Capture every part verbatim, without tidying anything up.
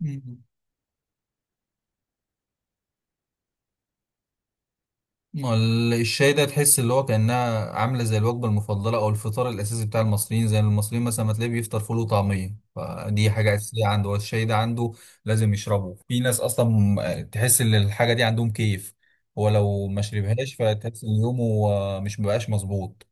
مم. ال- الشاي ده تحس اللي هو كأنها عاملة زي الوجبة المفضلة أو الفطار الأساسي بتاع المصريين، زي المصريين مثلا ما تلاقيه بيفطر فول وطعمية، فدي حاجة أساسية عنده. هو الشاي ده عنده لازم يشربه. في ناس أصلا آه، تحس إن الحاجة دي عندهم كيف. هو لو ما شربهاش فتحس إن يومه آه، مش مبقاش مظبوط.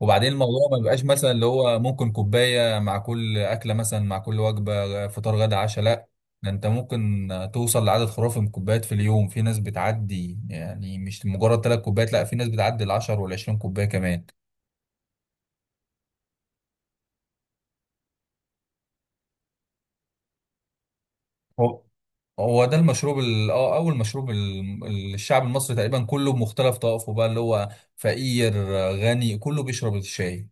وبعدين الموضوع ما بيبقاش مثلا اللي هو ممكن كوباية مع كل أكلة، مثلا مع كل وجبة فطار غدا عشاء، لا، ده انت ممكن توصل لعدد خرافي من الكوبايات في اليوم. في ناس بتعدي، يعني مش مجرد ثلاث كوبايات، لا، في ناس بتعدي العشر والعشرين كوباية كمان. هو هو ده المشروب ال- اه اول مشروب ال- ال- الشعب المصري تقريبا كله بمختلف طوائفه، بقى اللي هو فقير غني كله بيشرب الشاي.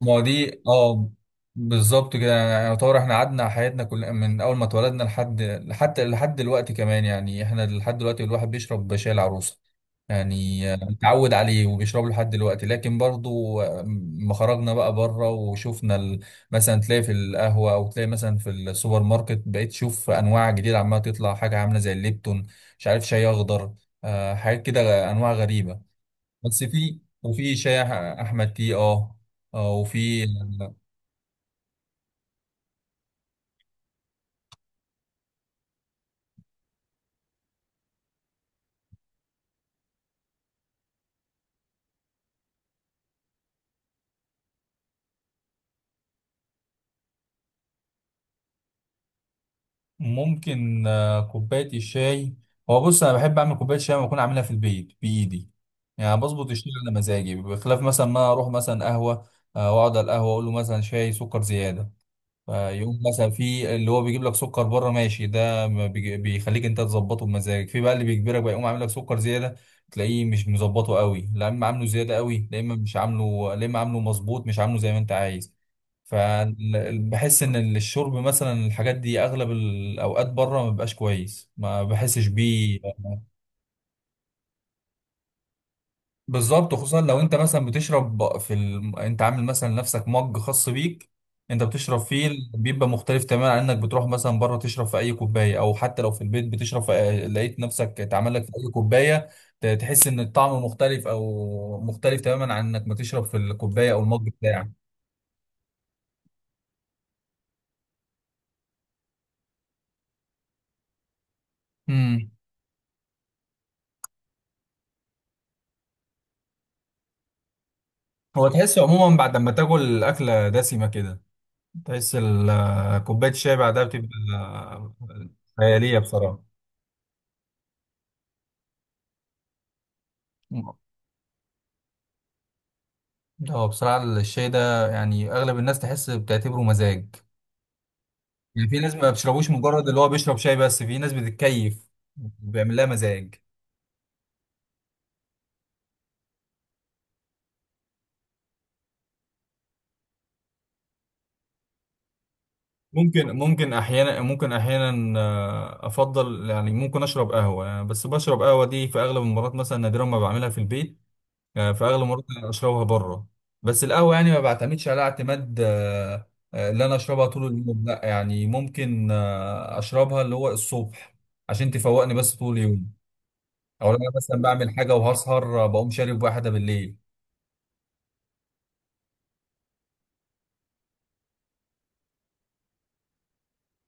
ما هو دي اه بالظبط كده، يعني يعتبر احنا قعدنا حياتنا كل من اول ما اتولدنا لحد لحد لحد دلوقتي كمان. يعني احنا لحد دلوقتي الواحد بيشرب شاي العروسه، يعني آه، متعود عليه وبيشربه لحد دلوقتي. لكن برضو آه، ما خرجنا بقى بره وشفنا ال... مثلا تلاقي في القهوه او تلاقي مثلا في السوبر ماركت، بقيت تشوف انواع جديده عماله تطلع، حاجه عامله زي الليبتون، مش عارف، شاي اخضر، آه، حاجات كده انواع غريبه. بس في وفي شاي أح- احمد تي اه. آه، وفي ممكن آه، كوبايه الشاي. هو بص انا بحب اعمل كوبايه شاي لما اكون عاملها في البيت بايدي، يعني بظبط الشاي على مزاجي، بخلاف مثلا ما اروح مثلا قهوه. آه، واقعد على القهوه اقول له مثلا شاي سكر زياده، فيقوم مثلا في اللي هو بيجيب لك سكر بره. ماشي، ده ما بيج- بيخليك انت تظبطه بمزاجك. في بقى اللي بيجبرك بقى يقوم عامل لك سكر زياده، تلاقيه مش مظبطه قوي، لا اما عامله زياده قوي، لا اما مش عامله، لا اما عامله مظبوط مش عامله زي ما انت عايز. فبحس ان الشرب مثلا الحاجات دي اغلب الاوقات بره ما بيبقاش كويس، ما بحسش بيه. بالظبط، خصوصا لو انت مثلا بتشرب في ال... انت عامل مثلا لنفسك مج خاص بيك انت بتشرب فيه، بيبقى مختلف تماما عن انك بتروح مثلا بره تشرب في اي كوبايه، او حتى لو في البيت بتشرب في... لقيت نفسك اتعمل لك في اي كوبايه. ت- تحس ان الطعم مختلف، او مختلف تماما عن انك ما تشرب في الكوبايه او المج بتاعك. امم. هو تحس عموما بعد ما تاكل اكله دسمه كده، تحس ال- كوبايه الشاي بعدها بتبقى خياليه بصراحه. هو بصراحة الشاي ده يعني أغلب الناس تحس بتعتبره مزاج، يعني في ناس ما بيشربوش مجرد اللي هو بيشرب شاي، بس في ناس بتتكيف بيعمل لها مزاج. ممكن ممكن أحيانا ممكن أحيانا آه، أفضل، يعني ممكن أشرب قهوة، يعني بس بشرب قهوة دي في أغلب المرات، مثلا نادرا ما بعملها في البيت. آه، في أغلب المرات أنا أشربها بره. بس القهوة يعني ما بعتمدش على اعتماد آه، آه، اللي أنا أشربها طول اليوم، لا، يعني ممكن آه، أشربها اللي هو الصبح عشان تفوقني، بس طول اليوم او لو انا مثلا بعمل حاجه وهسهر بقوم شارب واحده بالليل.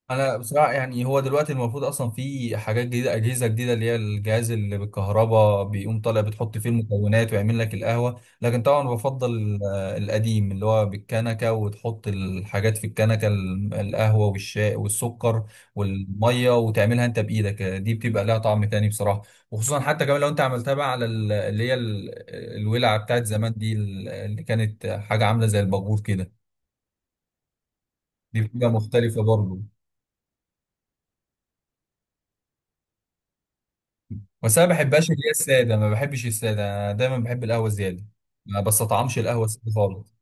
انا بصراحه يعني هو دلوقتي المفروض اصلا في حاجات جديده اجهزه جديده، اللي هي الجهاز اللي بالكهرباء بيقوم طالع بتحط فيه المكونات ويعمل لك القهوه. لكن طبعا بفضل آه، القديم اللي هو بالكنكه، وتحط الحاجات في الكنكه، ال- القهوه والشاي والسكر والميه وتعملها انت بايدك. آه، دي بتبقى لها طعم تاني بصراحه، وخصوصا حتى كمان لو انت عملتها بقى على ال- اللي هي ال- الولعه بتاعت زمان دي، ال- اللي كانت حاجه عامله زي الباجور كده، دي بتبقى مختلفة برضه. بس أنا ما بحبهاش اللي هي السادة، ما بحبش السادة، أنا دايما بحب القهوة زيادة. ما بستطعمش القهوة السادة خالص.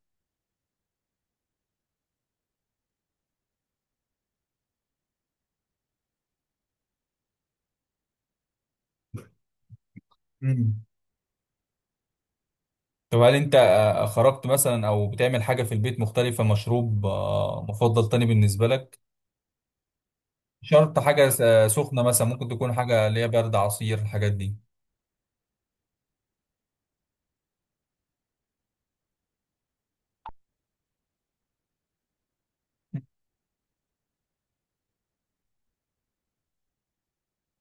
مم. طب هل أنت آه، خرجت مثلا أو بتعمل حاجة في البيت مختلفة، مشروب آه، مفضل تاني بالنسبة لك؟ شرط حاجة آه، سخنة، مثلا ممكن تكون حاجة اللي هي برد، عصير، الحاجات دي.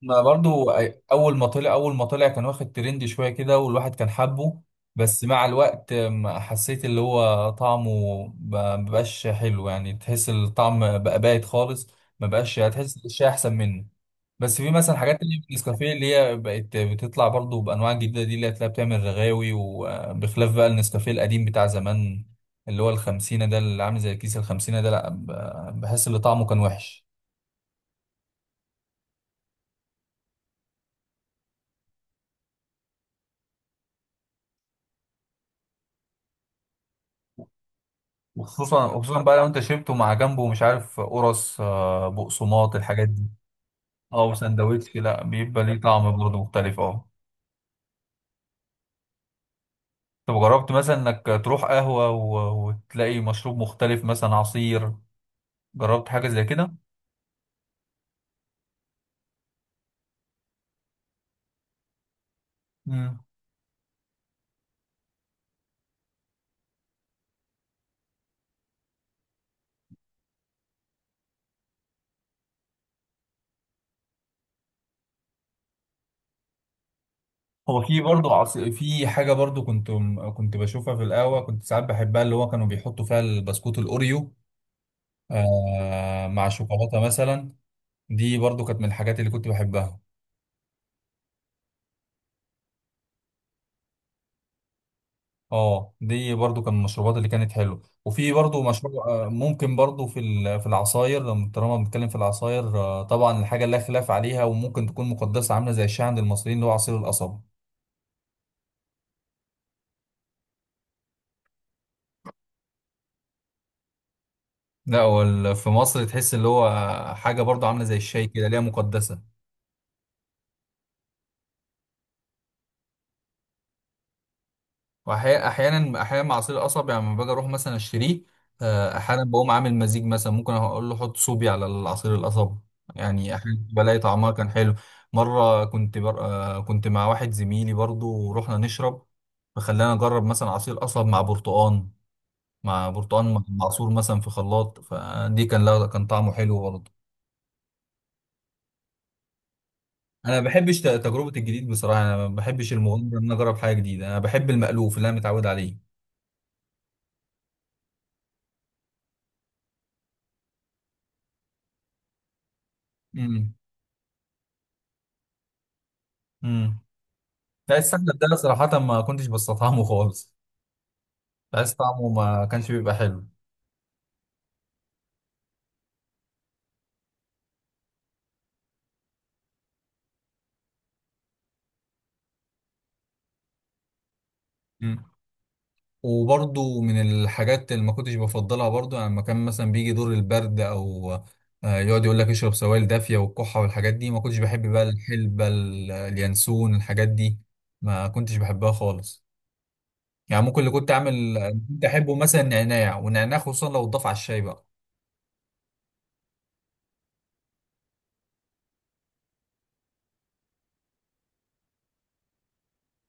ما برضو اول ما طلع اول ما طلع كان واخد ترند شويه كده والواحد كان حابه. بس مع الوقت ما حسيت اللي هو طعمه، ما بقاش حلو، يعني تحس الطعم بقى بايت خالص، ما بقاش، هتحس الشاي احسن منه. بس في مثلا حاجات تانية في النسكافيه، اللي هي بقت بتطلع برضو بانواع جديده دي، اللي هتلاقيها بتعمل رغاوي، وبخلاف بقى النسكافيه القديم بتاع زمان اللي هو الخمسينة ده، اللي عامل زي الكيس الخمسينة ده، لا، ب- بحس ان طعمه كان وحش. وخصوصا وخصوصا بقى لو انت شربته مع جنبه مش عارف قرص آه، بقسماط الحاجات دي، او سندوتش، لا بيبقى ليه طعم برضه مختلف اه. طب جربت مثلا انك تروح قهوة و... وتلاقي مشروب مختلف مثلا عصير، جربت حاجة زي كده؟ مم. هو في برضه عصير، في حاجة برضه كنت كنت بشوفها في القهوة، كنت ساعات بحبها، اللي هو كانوا بيحطوا فيها البسكوت الأوريو آه مع شوكولاتة مثلا. دي برضه كانت من الحاجات اللي كنت بحبها. اه دي برضو كان من المشروبات اللي كانت حلوه. وفي برضو مشروب آه، ممكن برضو في ال- في العصاير، لما طالما بنتكلم في العصاير، آه، طبعا الحاجه لا خلاف عليها، وممكن تكون مقدسه عامله زي الشاي عند المصريين، اللي هو عصير القصب. لا هو ال- في مصر تحس اللي هو حاجه برضو عامله زي الشاي كده ليها، مقدسه. واحيانا احيانا احيانا مع عصير القصب، يعني لما باجي اروح مثلا اشتريه، آه، احيانا بقوم عامل مزيج، مثلا ممكن اقول له حط صوبي على العصير القصب، يعني احيانا بلاقي طعمها كان حلو. مره كنت بر... آه، كنت مع واحد زميلي برضو ورحنا نشرب، فخلانا نجرب مثلا عصير قصب مع برتقان، مع برتقان معصور مثلا في خلاط، فدي كان، لا كان طعمه حلو برضه. انا ما بحبش ت- تجربه الجديد بصراحه، انا ما بحبش المغامره ان انا اجرب حاجه جديده، انا بحب المألوف اللي انا متعود عليه. امم. لا السمنة ده صراحة ما كنتش بستطعمه خالص، بحس طعمه ما كانش بيبقى حلو. مم. وبرضو من الحاجات اللي ما كنتش بفضلها برضو، يعني لما كان مثلا بيجي دور البرد او آه، يقعد يقول لك اشرب سوائل دافية والكحة والحاجات دي، ما كنتش بحب بقى الحلبة ال- اليانسون الحاجات دي، ما كنتش بحبها خالص. يعني ممكن اللي كنت اعمل كنت احبه مثلا نعناع، والنعناع خصوصا لو اتضاف على الشاي بقى.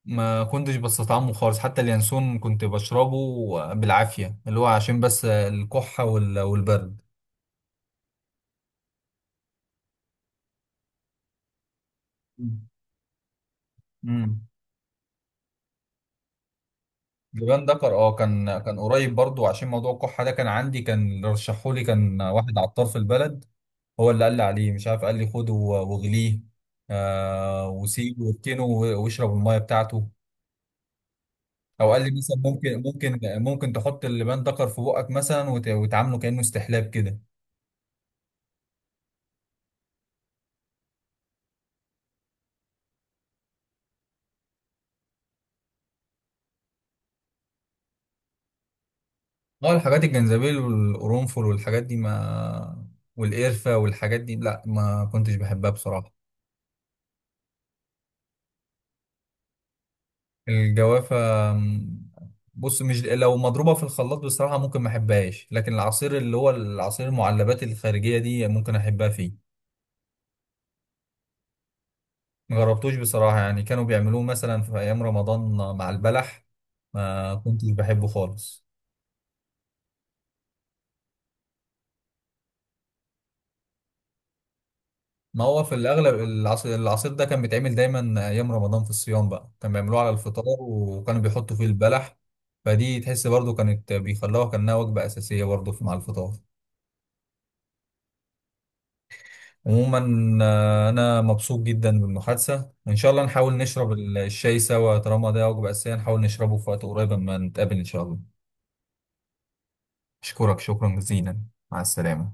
ما كنتش بستطعمه خالص حتى اليانسون، كنت بشربه بالعافية اللي هو عشان بس الكحة وال- والبرد. امم. لبان دكر، اه كان كان قريب برضو عشان موضوع الكحة ده كان عندي، كان اللي رشحهولي كان واحد عطار في البلد، هو اللي قال لي عليه مش عارف، قال لي خده و- واغليه، آه وسيبه واركنه و- واشرب المية بتاعته. او قال لي مثلا ممكن ممكن ممكن تحط اللبان دكر في بقك مثلا وت- وتعامله كأنه استحلاب كده. اه الحاجات الجنزبيل والقرنفل والحاجات دي ما، والقرفة والحاجات دي، لا ما كنتش بحبها بصراحة. الجوافة، م، بص مش لو مضروبة في الخلاط بصراحة ممكن ما احبهاش، لكن العصير اللي هو العصير المعلبات الخارجية دي ممكن احبها فيه. ما جربتوش بصراحة، يعني كانوا بيعملوه مثلا في ايام رمضان مع البلح، ما كنتش بحبه خالص. ما هو في الأغلب العصير, العصير ده كان بيتعمل دايما أيام رمضان في الصيام، بقى كان بيعملوه على الفطار وكانوا بيحطوا فيه البلح، فدي تحس برضو كانت بيخلوها كأنها وجبة أساسية برضو في مع الفطار. عموما آه، أنا مبسوط جدا بالمحادثة، وإن شاء الله نحاول نشرب ال- الشاي سوا، طالما ده وجبة أساسية نحاول نشربه في وقت قريب أما نتقابل إن شاء الله. أشكرك شكرا جزيلا. مع السلامة.